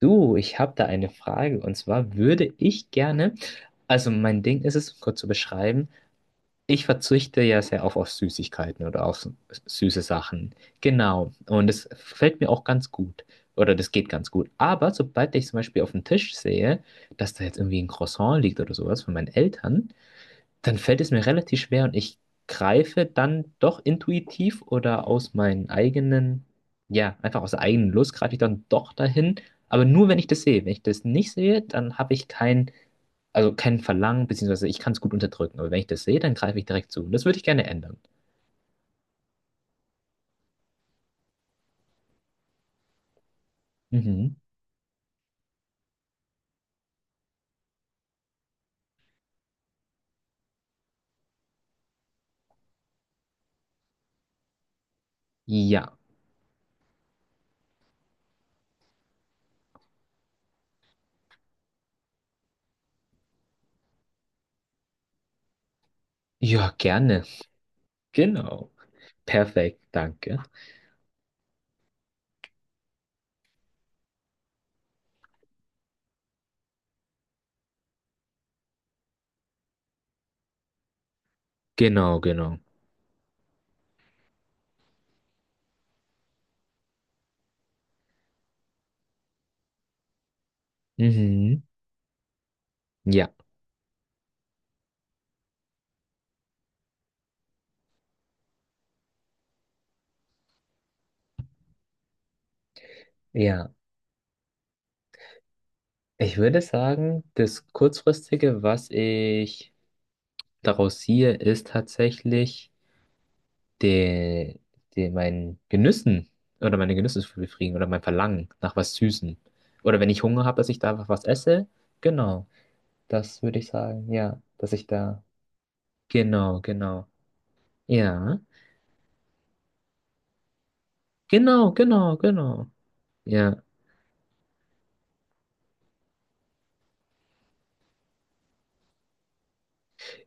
Du, ich habe da eine Frage, und zwar würde ich gerne, also mein Ding ist es, um kurz zu beschreiben, ich verzichte ja sehr oft auf Süßigkeiten oder auf süße Sachen. Genau. Und es fällt mir auch ganz gut. Oder das geht ganz gut. Aber sobald ich zum Beispiel auf dem Tisch sehe, dass da jetzt irgendwie ein Croissant liegt oder sowas von meinen Eltern, dann fällt es mir relativ schwer und ich greife dann doch intuitiv oder aus meinen eigenen, ja, einfach aus der eigenen Lust greife ich dann doch dahin, aber nur wenn ich das sehe. Wenn ich das nicht sehe, dann habe ich kein, also kein Verlangen, beziehungsweise ich kann es gut unterdrücken, aber wenn ich das sehe, dann greife ich direkt zu. Und das würde ich gerne ändern. Mhm. Ja. Ja, gerne. Genau. Perfekt, danke. Genau, genau. Mhm. Ja. Ja. Ich würde sagen, das Kurzfristige, was ich daraus ziehe, ist tatsächlich der, der mein Genüssen oder meine Genüsse zu befriedigen oder mein Verlangen nach was Süßem. Oder wenn ich Hunger habe, dass ich da einfach was esse. Genau, das würde ich sagen, ja, dass ich da. Genau, genau. Ja, genau, genau, genau. Ja,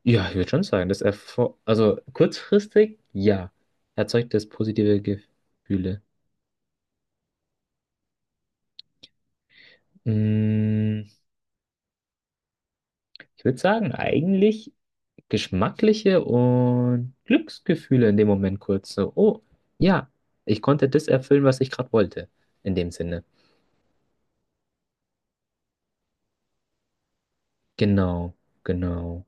ja, ich würde schon sagen, das erfor also kurzfristig, ja, erzeugt das positive Gefühle. Mm, Ich würde sagen, eigentlich geschmackliche und Glücksgefühle in dem Moment kurz. So, oh, ja, ich konnte das erfüllen, was ich gerade wollte. In dem Sinne. Genau, genau.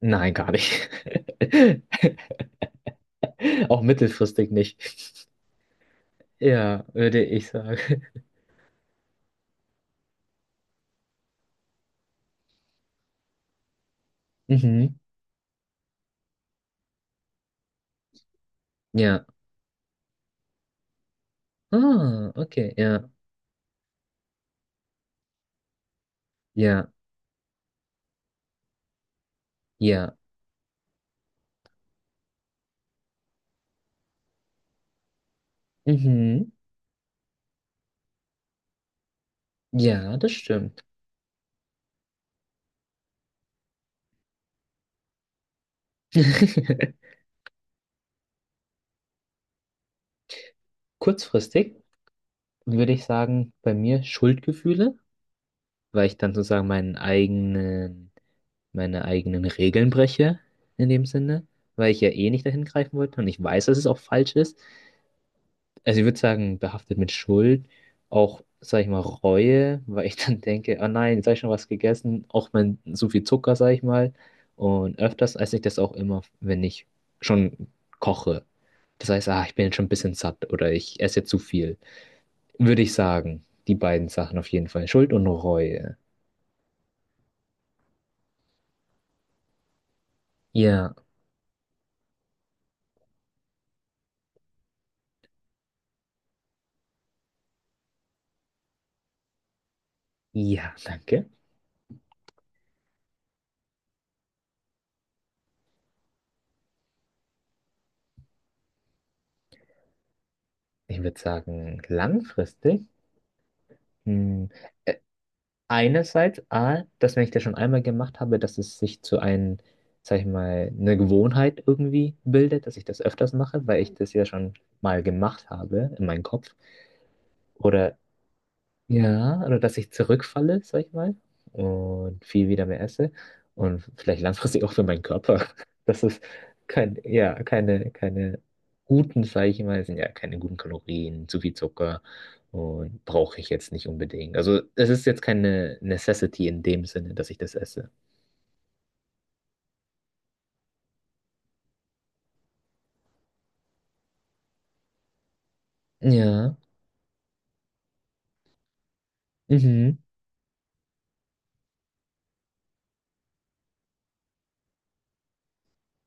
Nein, gar nicht. Auch mittelfristig nicht. Ja, würde ich sagen. Mhm. Ja. Ah, okay. Ja, ja, ja. Mhm. Ja, das stimmt. Kurzfristig würde ich sagen, bei mir Schuldgefühle, weil ich dann sozusagen meine eigenen Regeln breche, in dem Sinne, weil ich ja eh nicht dahin greifen wollte und ich weiß, dass es auch falsch ist. Also ich würde sagen, behaftet mit Schuld, auch, sag ich mal, Reue, weil ich dann denke, oh nein, jetzt habe ich schon was gegessen, auch wenn so viel Zucker, sag ich mal. Und öfters esse ich das auch immer, wenn ich schon koche. Das heißt, ah, ich bin jetzt schon ein bisschen satt oder ich esse zu viel. Würde ich sagen, die beiden Sachen auf jeden Fall, Schuld und Reue. Ja, ja, danke. Ich würde sagen, langfristig. Hm. Äh, Einerseits, A, dass wenn ich das schon einmal gemacht habe, dass es sich zu einem, sag ich mal, eine Gewohnheit irgendwie bildet, dass ich das öfters mache, weil ich das ja schon mal gemacht habe in meinem Kopf. Oder ja, oder dass ich zurückfalle, sag ich mal, und viel wieder mehr esse und vielleicht langfristig auch für meinen Körper. Das ist kein, ja, keine guten, sag ich mal, sind ja keine guten Kalorien, zu viel Zucker und brauche ich jetzt nicht unbedingt. Also es ist jetzt keine Necessity in dem Sinne, dass ich das esse. Ja, mhm.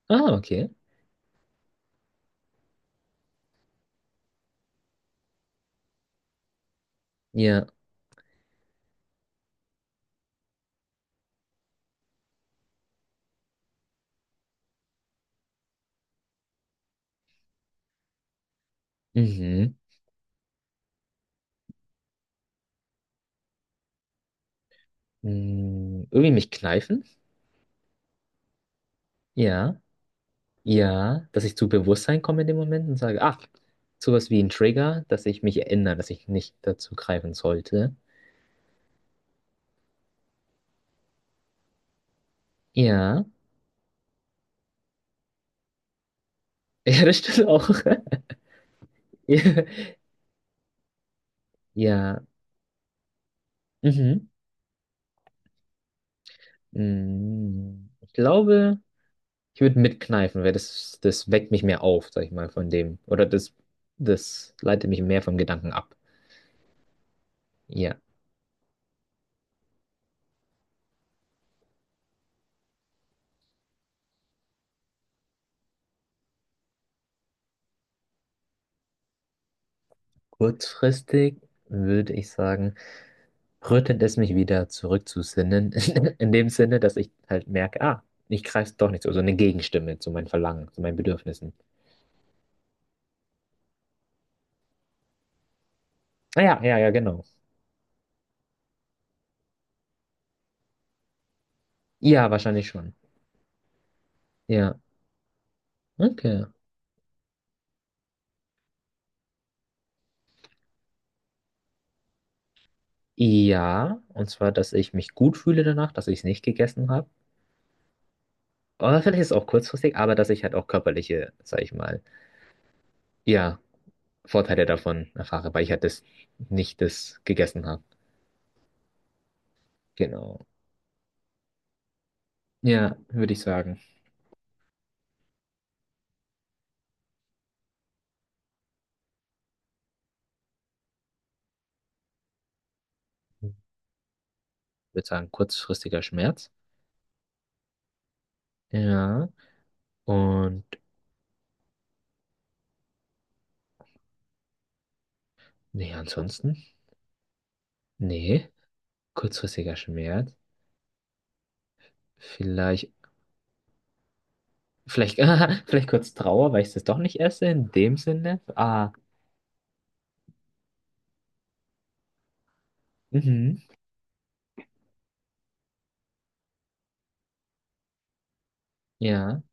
Ah, okay. Ja, mhm. Irgendwie mich kneifen? Ja. Ja, dass ich zu Bewusstsein komme in dem Moment und sage, ach, sowas wie ein Trigger, dass ich mich erinnere, dass ich nicht dazu greifen sollte. Ja, ja, das stimmt auch. Ja, ja. Mhm. Ich glaube, ich würde mitkneifen, weil das weckt mich mehr auf, sag ich mal, von dem. Oder das leitet mich mehr vom Gedanken ab. Ja, kurzfristig würde ich sagen, rüttelt es mich wieder zurück zu Sinnen, in dem Sinne, dass ich halt merke, ah, ich greife doch nicht so, so eine Gegenstimme zu meinen Verlangen, zu meinen Bedürfnissen. Ah ja, ja, ja, genau. Ja, wahrscheinlich schon. Ja, okay. Ja, und zwar, dass ich mich gut fühle danach, dass ich es nicht gegessen habe. Oder vielleicht ist es auch kurzfristig, aber dass ich halt auch körperliche, sag ich mal, ja, Vorteile davon erfahre, weil ich halt das nicht das gegessen habe. Genau. Ja, würde ich sagen. Ich würde sagen, kurzfristiger Schmerz. Ja. Und nee, ansonsten? Nee, kurzfristiger Schmerz. Vielleicht, vielleicht, Vielleicht kurz Trauer, weil ich das doch nicht esse, in dem Sinne. Ah, mhm. Ja,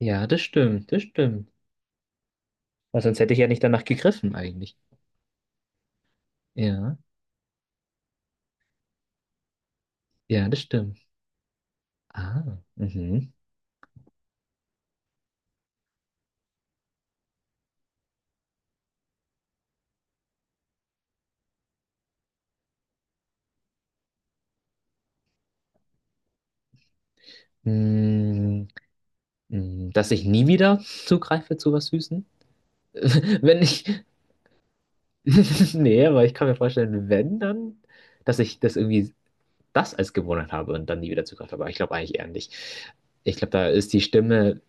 ja, das stimmt, das stimmt. Weil sonst hätte ich ja nicht danach gegriffen eigentlich. Ja, ja, das stimmt. Ah, mhm. Mm, Dass ich nie wieder zugreife zu was Süßen? Wenn ich, nee, aber ich kann mir vorstellen, wenn dann, dass ich das irgendwie das als Gewohnheit habe und dann nie wieder Zugriff habe. Aber ich glaube eigentlich eher nicht. Ich glaube, da ist die Stimme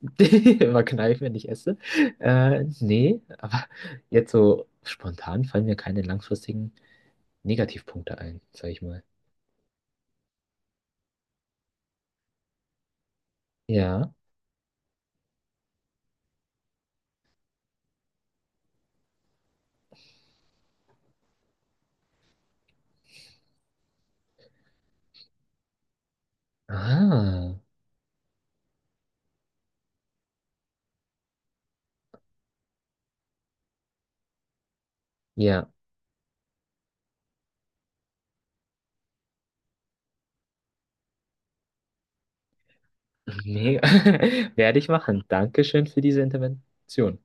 immer kneif, wenn ich esse. Nee, aber jetzt so spontan fallen mir keine langfristigen Negativpunkte ein, sag ich mal. Ja. Ah, ja. Mega. Werde ich machen. Dankeschön für diese Intervention.